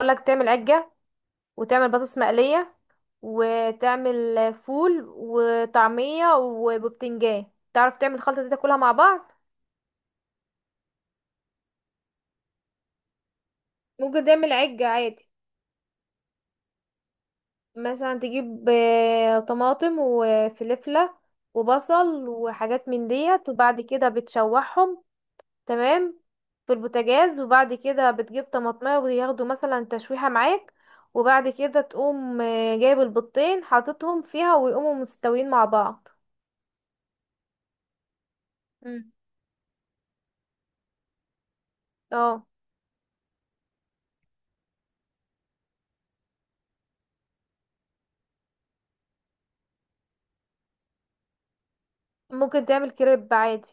اقول لك تعمل عجة، وتعمل بطاطس مقلية، وتعمل فول وطعمية وبتنجان. تعرف تعمل الخلطة دي تاكلها مع بعض. ممكن تعمل عجة عادي. مثلا تجيب طماطم وفلفلة وبصل وحاجات من ديت، وبعد كده بتشوحهم، تمام، في البوتاجاز. وبعد كده بتجيب طماطمية وياخدوا مثلا تشويحة معاك. وبعد كده تقوم جايب البيضتين حاططهم فيها ويقوموا مستويين مع بعض. مم. اه. ممكن تعمل كريب عادي.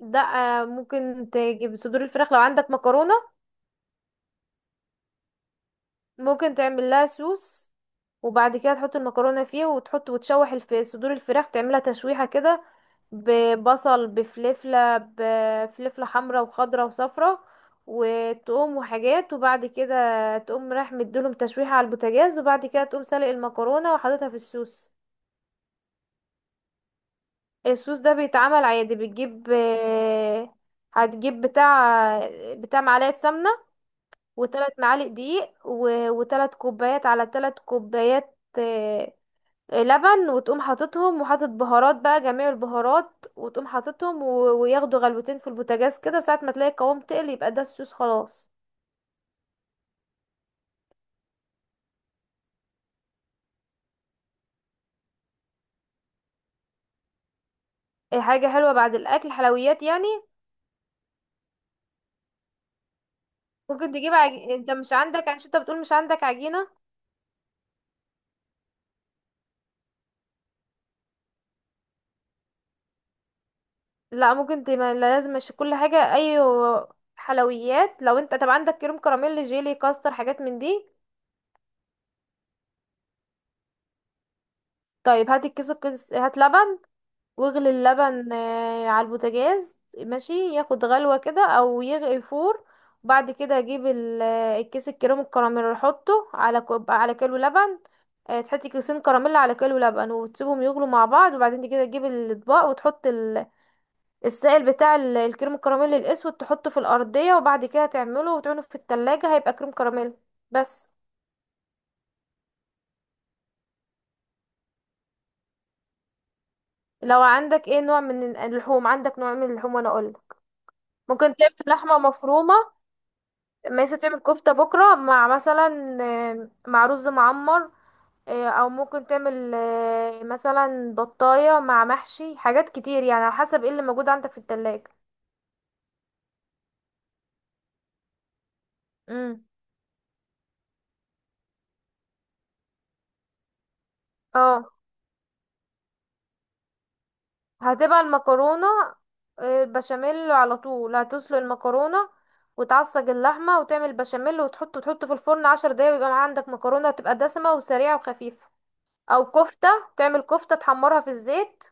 ده ممكن تجيب صدور الفراخ لو عندك مكرونة. ممكن تعمل لها سوس، وبعد كده تحط المكرونة فيه، وتحط وتشوح صدور الفراخ تعملها تشويحة كده، ببصل، بفلفلة، حمرا وخضرا وصفرا، وتقوم وحاجات، وبعد كده تقوم رايح مديلهم تشويحة على البوتاجاز، وبعد كده تقوم سلق المكرونة وحاططها في السوس. الصوص ده بيتعمل عادي. بتجيب هتجيب بتاع معلقة سمنة، وتلات معالق دقيق، وتلات كوبايات، على تلات كوبايات لبن، وتقوم حاططهم، وحاطط بهارات بقى جميع البهارات، وتقوم حاططهم، وياخدوا غلوتين في البوتاجاز كده، ساعة ما تلاقي القوام تقل يبقى ده الصوص خلاص. حاجة حلوة بعد الأكل، حلويات يعني. ممكن انت مش عندك، عشان انت بتقول مش عندك عجينة. لا، ممكن تبقى لازم مش كل حاجة اي حلويات. لو انت طب عندك كريم كراميل، جيلي، كاستر، حاجات من دي. طيب هات الكيس، هات لبن، واغلي اللبن على البوتاجاز ماشي، ياخد غلوة كده او يغلي فور. بعد كده اجيب الكيس الكريم الكراميل، احطه على كوب، على كيلو لبن. تحطي كيسين كراميل على كيلو لبن، وتسيبهم يغلوا مع بعض، وبعدين كده تجيب الاطباق وتحط السائل بتاع الكريم الكراميل الاسود، تحطه في الارضيه، وبعد كده تعمله وتعينه في التلاجة، هيبقى كريم كراميل، بس. لو عندك ايه نوع من اللحوم، عندك نوع من اللحوم وانا اقول. ممكن تعمل لحمه مفرومه، مثلا تعمل كفته بكره مع مثلا مع رز معمر. او ممكن تعمل مثلا بطايه مع محشي، حاجات كتير يعني، على حسب ايه اللي موجود عندك في التلاجة. امم. اه. هتبقى المكرونة البشاميل على طول. هتسلق المكرونة، وتعصج اللحمة، وتعمل بشاميل، وتحطه في الفرن عشر دقايق، ويبقى معاك عندك مكرونة هتبقى دسمة وسريعة وخفيفة. أو كفتة، تعمل كفتة تحمرها في الزيت.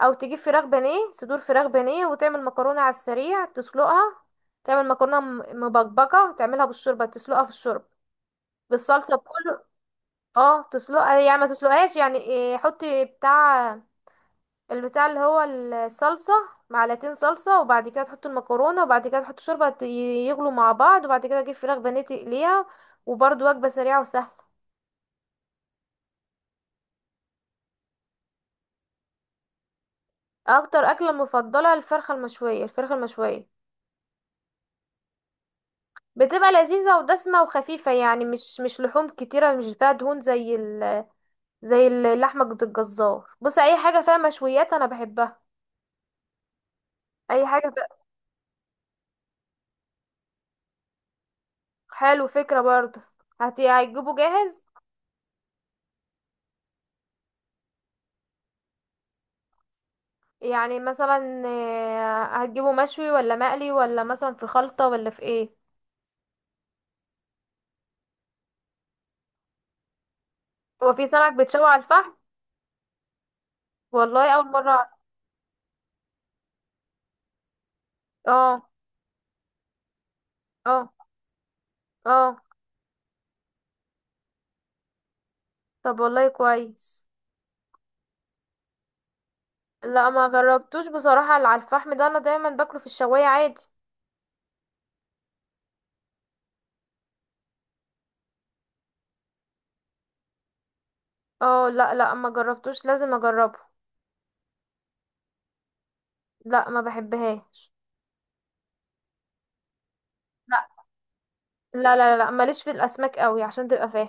أو تجيب فراخ بانيه، صدور فراخ بانيه، وتعمل مكرونة على السريع تسلقها. تعمل مكرونة مبكبكة، تعملها بالشوربة، تسلقها في الشوربة، بالصلصة بكله. اه، تسلقها يعني ما تسلقهاش. يعني حطي بتاع البتاع اللي هو الصلصة، معلقتين صلصة، وبعد كده تحط المكرونة، وبعد كده تحط شوربة، يغلوا مع بعض، وبعد كده اجيب فراخ بانيه تقليها، وبرضه وجبة سريعة وسهلة. اكتر اكلة مفضلة الفرخة المشوية، بتبقى لذيذة ودسمة وخفيفة، يعني مش لحوم كتيرة، مش فيها دهون زي اللحمة عند الجزار. بص، اي حاجة فيها مشويات انا بحبها، اي حاجة فيها. حلو، فكرة برضه. هتجيبه جاهز؟ يعني مثلا هتجيبه مشوي ولا مقلي ولا مثلا في خلطة ولا في ايه؟ هو في سمك بيتشوي على الفحم؟ والله اول مرة أعرف. اه. اه. اه. طب والله كويس. لا، ما جربتوش بصراحة، اللي على الفحم ده انا دايما باكله في الشواية عادي. اه، لا، لا، ما جربتوش، لازم اجربه. لا، ما بحبهاش. لا، لا، لا، لا ماليش في الاسماك قوي عشان تبقى فاهم.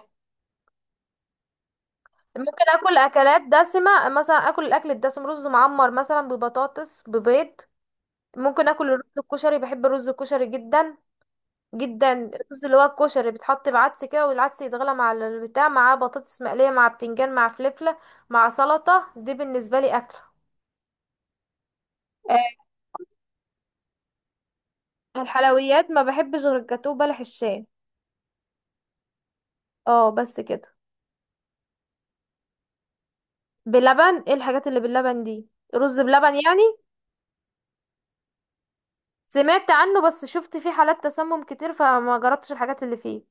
ممكن اكل اكلات دسمة، مثلا اكل الاكل الدسم رز معمر مثلا ببطاطس ببيض. ممكن اكل الرز الكشري، بحب الرز الكشري جدا جدا. الرز اللي هو الكشري بيتحط بعدس كده، والعدس يتغلى مع البتاع، مع بطاطس مقليه، مع بتنجان، مع فلفله، مع سلطه. دي بالنسبه لي اكل. آه، الحلويات ما بحبش غير الجاتوه بلح الشاي. اه، بس كده. بلبن؟ ايه الحاجات اللي باللبن دي؟ رز بلبن يعني؟ سمعت عنه، بس شفت فيه حالات تسمم كتير، فما جربتش الحاجات اللي فيه.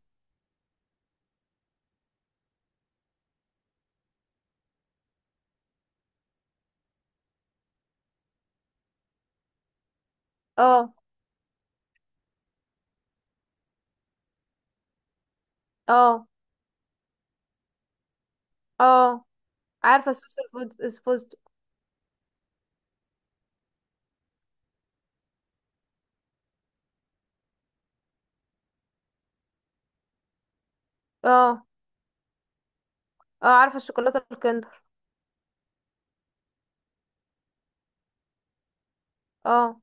اه. اه. اه. عارفه الصوص الفوز الفستق. اه. اه، عارفه الشوكولاته الكندر. اه.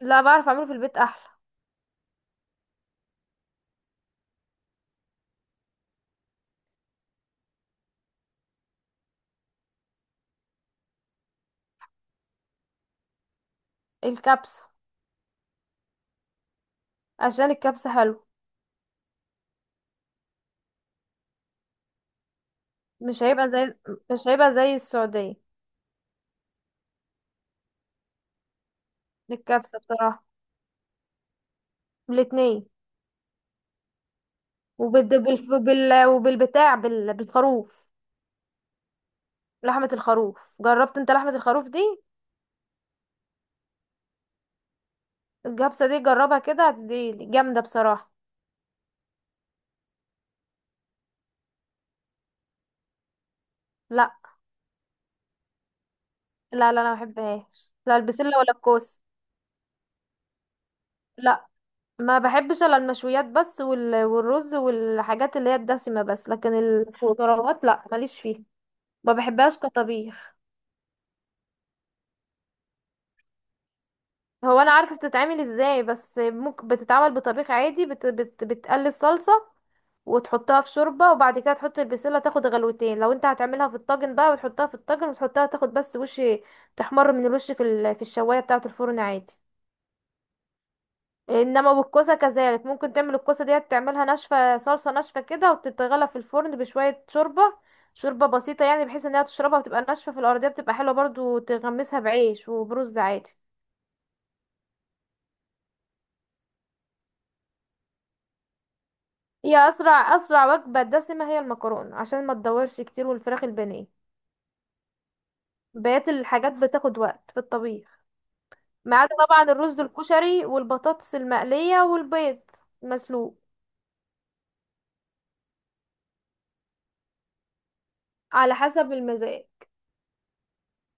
لا، بعرف اعمله في البيت احلى. الكبسة. عشان الكبسة حلو. مش هيبقى زي مش هيبقى زي السعودية. الكبسة بصراحة. الاتنين. وبال... بال... بال... وبالبتاع بال... بالخروف. لحمة الخروف، جربت انت لحمة الخروف دي؟ الكبسة دي جربها كده، دي جامدة بصراحة. لا، لا، لا، انا ما بحبهاش، لا البسلة ولا الكوسة. لا، ما بحبش الا المشويات بس، والرز والحاجات اللي هي الدسمة بس، لكن الخضروات لا ماليش فيها، ما بحبهاش كطبيخ. هو انا عارفه بتتعمل ازاي، بس ممكن بتتعمل بطبيخ عادي، بت بت بتقلي الصلصه، وتحطها في شوربه، وبعد كده تحط البسله تاخد غلوتين. لو انت هتعملها في الطاجن بقى، وتحطها في الطاجن، تاخد بس وش تحمر من الوش في في الشوايه بتاعه الفرن عادي. انما بالكوسه كذلك، ممكن تعمل الكوسه ديت تعملها ناشفه، صلصه ناشفه كده، وتتغلى في الفرن بشويه شوربه، شوربه بسيطه يعني، بحيث انها تشربها وتبقى ناشفه في الارضيه، بتبقى حلوه برضو، تغمسها بعيش وبرز عادي. هي اسرع وجبه دسمه هي المكرونه عشان ما تدورش كتير، والفراخ البانيه. بقيت الحاجات بتاخد وقت في الطبيخ، ما عدا طبعا الرز الكشري والبطاطس المقليه والبيض مسلوق. على حسب المزاج.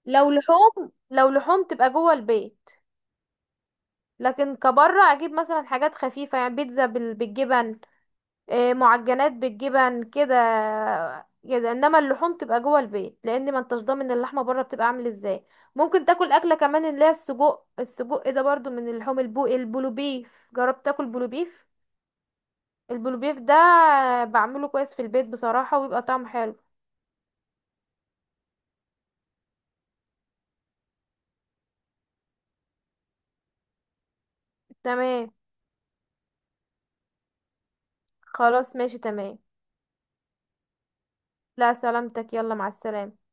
لو لحوم تبقى جوه البيت. لكن كبره اجيب مثلا حاجات خفيفه يعني، بيتزا بالجبن، معجنات بالجبن كده كده. انما اللحوم تبقى جوه البيت، لان ما انتش ضامن اللحمه بره بتبقى عامل ازاي. ممكن تاكل اكله كمان اللي هي السجق، السجق ده برضو من اللحوم، البلوبيف. جربت تاكل بلوبيف؟ البلوبيف ده بعمله كويس في البيت بصراحه، وبيبقى طعمه حلو. تمام. خلاص، ماشي، تمام. لا سلامتك، يلا مع السلامه.